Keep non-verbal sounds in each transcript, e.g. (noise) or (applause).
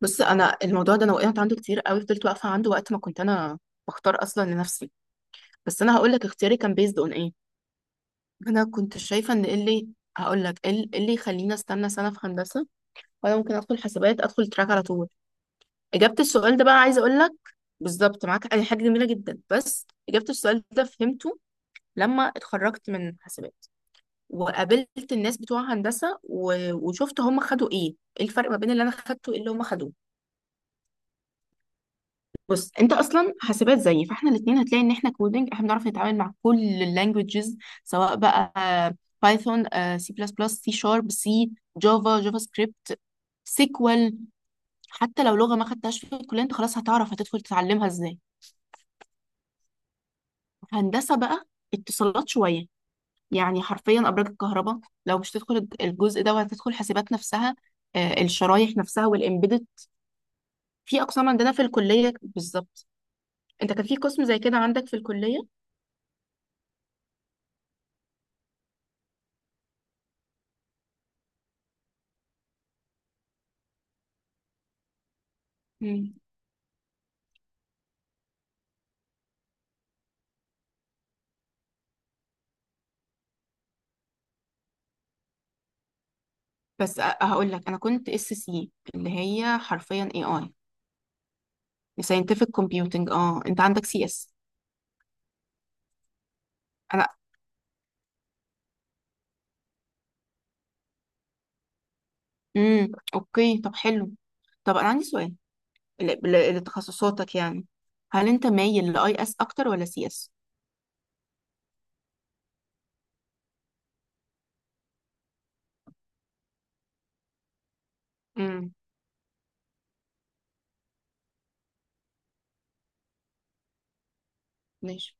بص، انا الموضوع ده انا وقعت عنده كتير قوي، فضلت واقفه عنده وقت ما كنت انا بختار اصلا لنفسي. بس انا هقول لك اختياري كان بيزد اون ايه. انا كنت شايفه ان إيه اللي هقول لك إيه اللي يخليني استنى سنه في هندسه، وانا ممكن ادخل حسابات، ادخل تراك على طول. اجابه السؤال ده بقى عايزه اقول لك بالظبط، معاك، أي حاجه جميله جدا. بس اجابه السؤال ده فهمته لما اتخرجت من حسابات وقابلت الناس بتوع هندسه و... وشفت هم خدوا ايه الفرق ما بين اللي انا خدته وايه اللي هم خدوه. بص، انت اصلا حاسبات زيي، فاحنا الاثنين هتلاقي ان احنا كودنج، احنا بنعرف نتعامل مع كل اللانجوجز. سواء بقى بايثون، سي بلس بلس، سي شارب، سي، جافا، جافا سكريبت، سيكوال. حتى لو لغه ما خدتهاش في الكليه، انت خلاص هتعرف هتدخل تتعلمها ازاي. هندسه بقى اتصالات شويه، يعني حرفيا ابراج الكهرباء لو مش تدخل الجزء ده، وهتدخل حاسبات نفسها. الشرايح نفسها والامبيدد. في اقسام عندنا في الكليه بالظبط. انت كان في قسم زي كده عندك في الكليه؟ مم. بس هقول لك، انا كنت اس سي اللي هي حرفيا اي اي، ساينتفك كومبيوتنج. اه انت عندك سي اس. انا امم اوكي. طب حلو. طب انا عندي سؤال لتخصصاتك يعني. هل انت مايل لاي اس اكتر ولا سي اس؟ امم ماشي.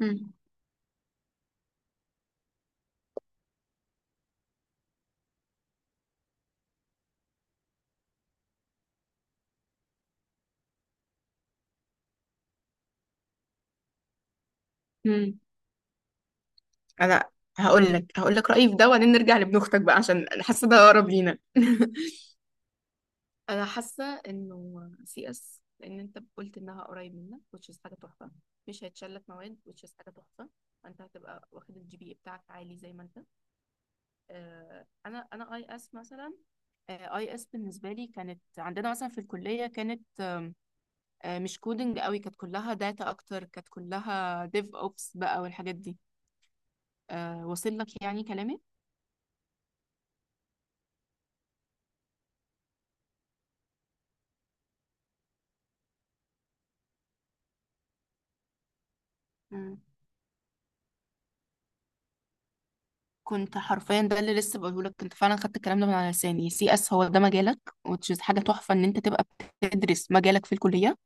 امم امم انا هقول لك رايي في ده، وبعدين نرجع لابن اختك بقى عشان حاسه ده اقرب لينا. (laughs) انا حاسه انه سي اس، لان انت قلت انها قريب منك، which is حاجه تحفه. مش هيتشال لك مواد، which is حاجه تحفه. فانت هتبقى واخد الجي بي بتاعك عالي زي ما انت. انا اي اس مثلا. اي اس بالنسبه لي كانت عندنا مثلا في الكليه كانت مش كودنج قوي، كانت كلها داتا اكتر، كانت كلها ديف اوبس بقى والحاجات دي. واصل لك يعني كلامي؟ كنت حرفيا ده اللي لسه بقوله لك، كنت فعلا خدت الكلام ده من على لساني. سي اس هو ده مجالك، which is حاجه تحفه ان انت تبقى بتدرس مجالك في الكليه.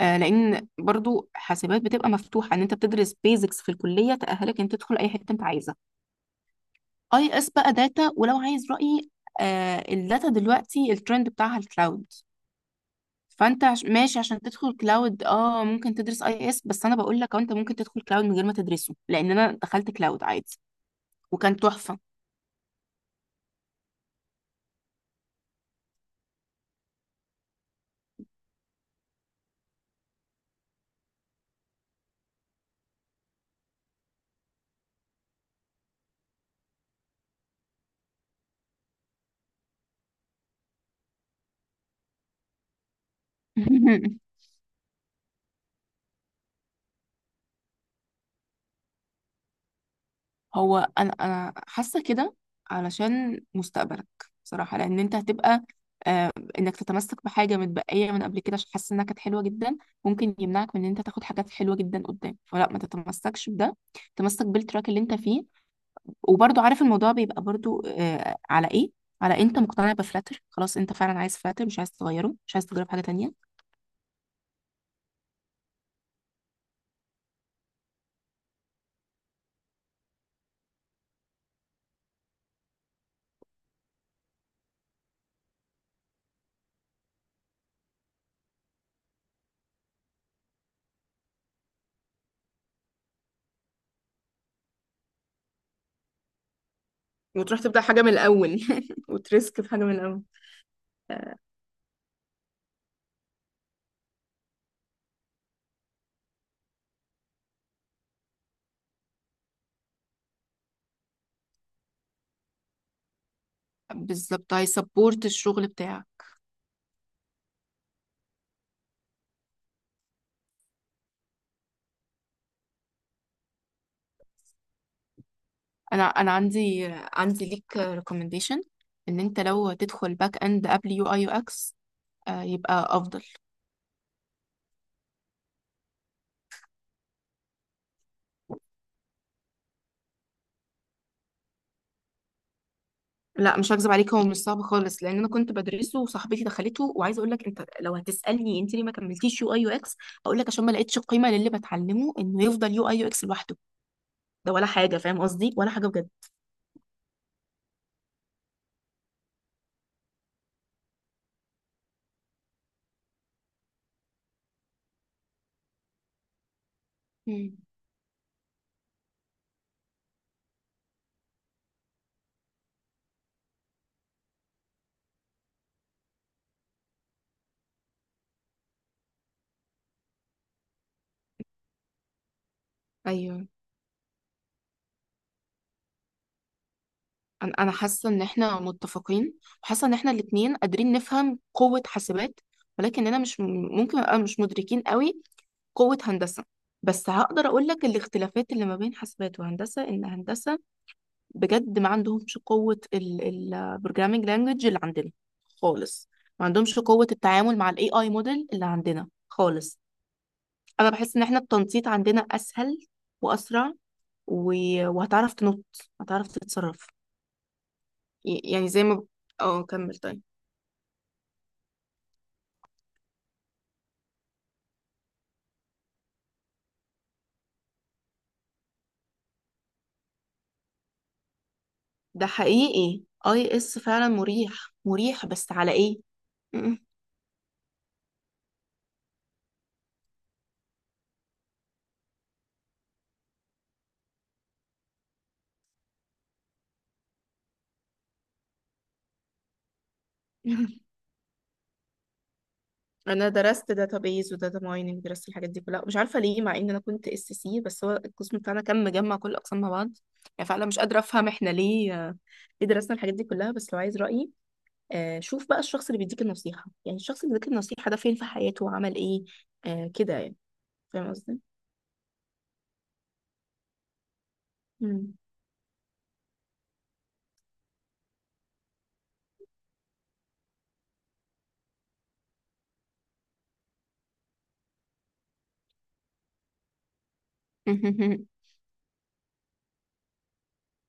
لان برضو حاسبات بتبقى مفتوحه، ان انت بتدرس بيزكس في الكليه تاهلك ان انت تدخل اي حته انت عايزها. اي اس بقى داتا، ولو عايز رايي، الداتا دلوقتي الترند بتاعها الكلاود. فانت ماشي، عشان تدخل كلاود ممكن تدرس اي اس، بس انا بقول لك انت ممكن تدخل كلاود من غير ما تدرسه لان انا دخلت كلاود عادي وكان تحفه. (laughs) هو انا حاسه كده علشان مستقبلك، بصراحه، لان انت هتبقى. آه انك تتمسك بحاجه متبقيه من قبل كده عشان حاسس انها كانت حلوه جدا ممكن يمنعك من ان انت تاخد حاجات حلوه جدا قدام، فلا ما تتمسكش بده، تمسك بالتراك اللي انت فيه. وبرضو عارف الموضوع بيبقى برضو على ايه؟ على انت مقتنع بفلاتر خلاص، انت فعلا عايز فلاتر، مش عايز تغيره، مش عايز تجرب حاجه تانية، وتروح تبدأ حاجة من الأول. (laughs) وتريسك في حاجة من الأول. بالظبط هيسبورت الشغل بتاعك. انا عندي ليك ريكومنديشن، ان انت لو تدخل باك اند قبل يو اي يو اكس يبقى افضل. لا، مش هكذب عليك، هو مش صعب خالص لان انا كنت بدرسه وصاحبتي دخلته. وعايزه اقول لك، انت لو هتسالني انت ليه ما كملتيش يو اي يو اكس، اقول لك عشان ما لقيتش قيمه للي بتعلمه انه يفضل يو اي يو اكس لوحده، ده ولا حاجه. فاهم قصدي؟ ولا حاجه بجد. مم. ايوه، انا حاسه ان احنا متفقين، وحاسه ان احنا الاثنين قادرين نفهم قوه حاسبات، ولكننا مش م- ممكن نبقى مش مدركين قوي قوة هندسة. بس هقدر أقول لك الاختلافات اللي ما بين حاسبات وهندسة، إن هندسة بجد ما عندهمش قوة البروجرامينج لانجوج اللي عندنا خالص. ما عندهمش قوة التعامل مع الاي اي موديل اللي عندنا خالص. أنا بحس إن احنا التنطيط عندنا أسهل وأسرع، و... وهتعرف تنط، هتعرف تتصرف. يعني زي ما. اه كمل طيب. ده حقيقي، اي اس فعلا مريح. مريح بس على ايه؟ (laughs) انا درست داتابيز وداتا مايننج، درست الحاجات دي كلها، مش عارفه ليه مع ان انا كنت اس سي، بس هو القسم بتاعنا كان مجمع كل الاقسام مع بعض. يعني فعلا مش قادره افهم احنا ليه، ليه درسنا الحاجات دي كلها. بس لو عايز رايي، شوف بقى الشخص اللي بيديك النصيحه، يعني الشخص اللي بيديك النصيحه ده فين في حياته، عمل ايه؟ كده يعني. فاهم قصدي؟ مم. (laughs)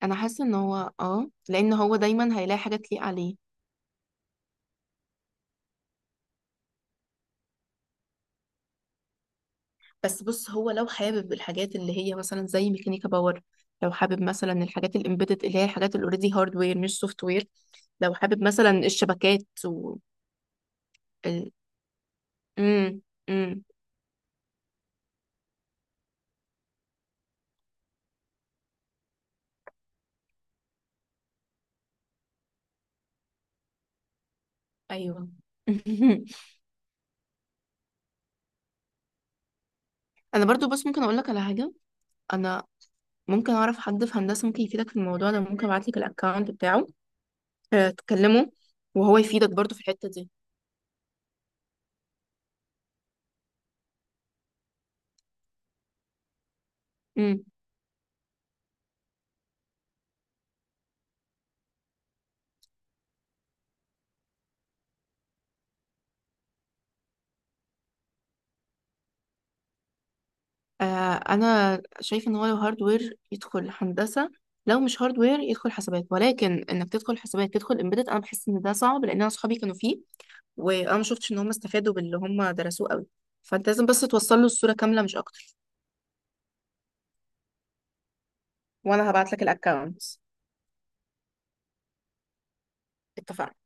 انا حاسه ان هو، لان هو دايما هيلاقي حاجه تليق عليه. بس بص، هو لو حابب الحاجات اللي هي مثلا زي ميكانيكا باور، لو حابب مثلا الحاجات الامبيدد اللي هي الحاجات الاوريدي هاردوير مش سوفت وير، لو حابب مثلا الشبكات و ال... امم امم ايوه. (laughs) انا برضو، بس ممكن اقول لك على حاجه، انا ممكن اعرف حد في هندسه ممكن يفيدك في الموضوع ده، ممكن ابعت لك الاكونت بتاعه. تكلمه وهو يفيدك برضو في الحته دي. مم. انا شايف ان هو لو هاردوير يدخل هندسه، لو مش هاردوير يدخل حسابات. ولكن انك تدخل حسابات تدخل امبيدد انا بحس ان ده صعب لان انا اصحابي كانوا فيه، وانا ما شفتش ان هم استفادوا باللي هم درسوه قوي. فانت لازم بس توصل له الصوره كامله، مش اكتر. وانا هبعت لك الاكونت. اتفقنا؟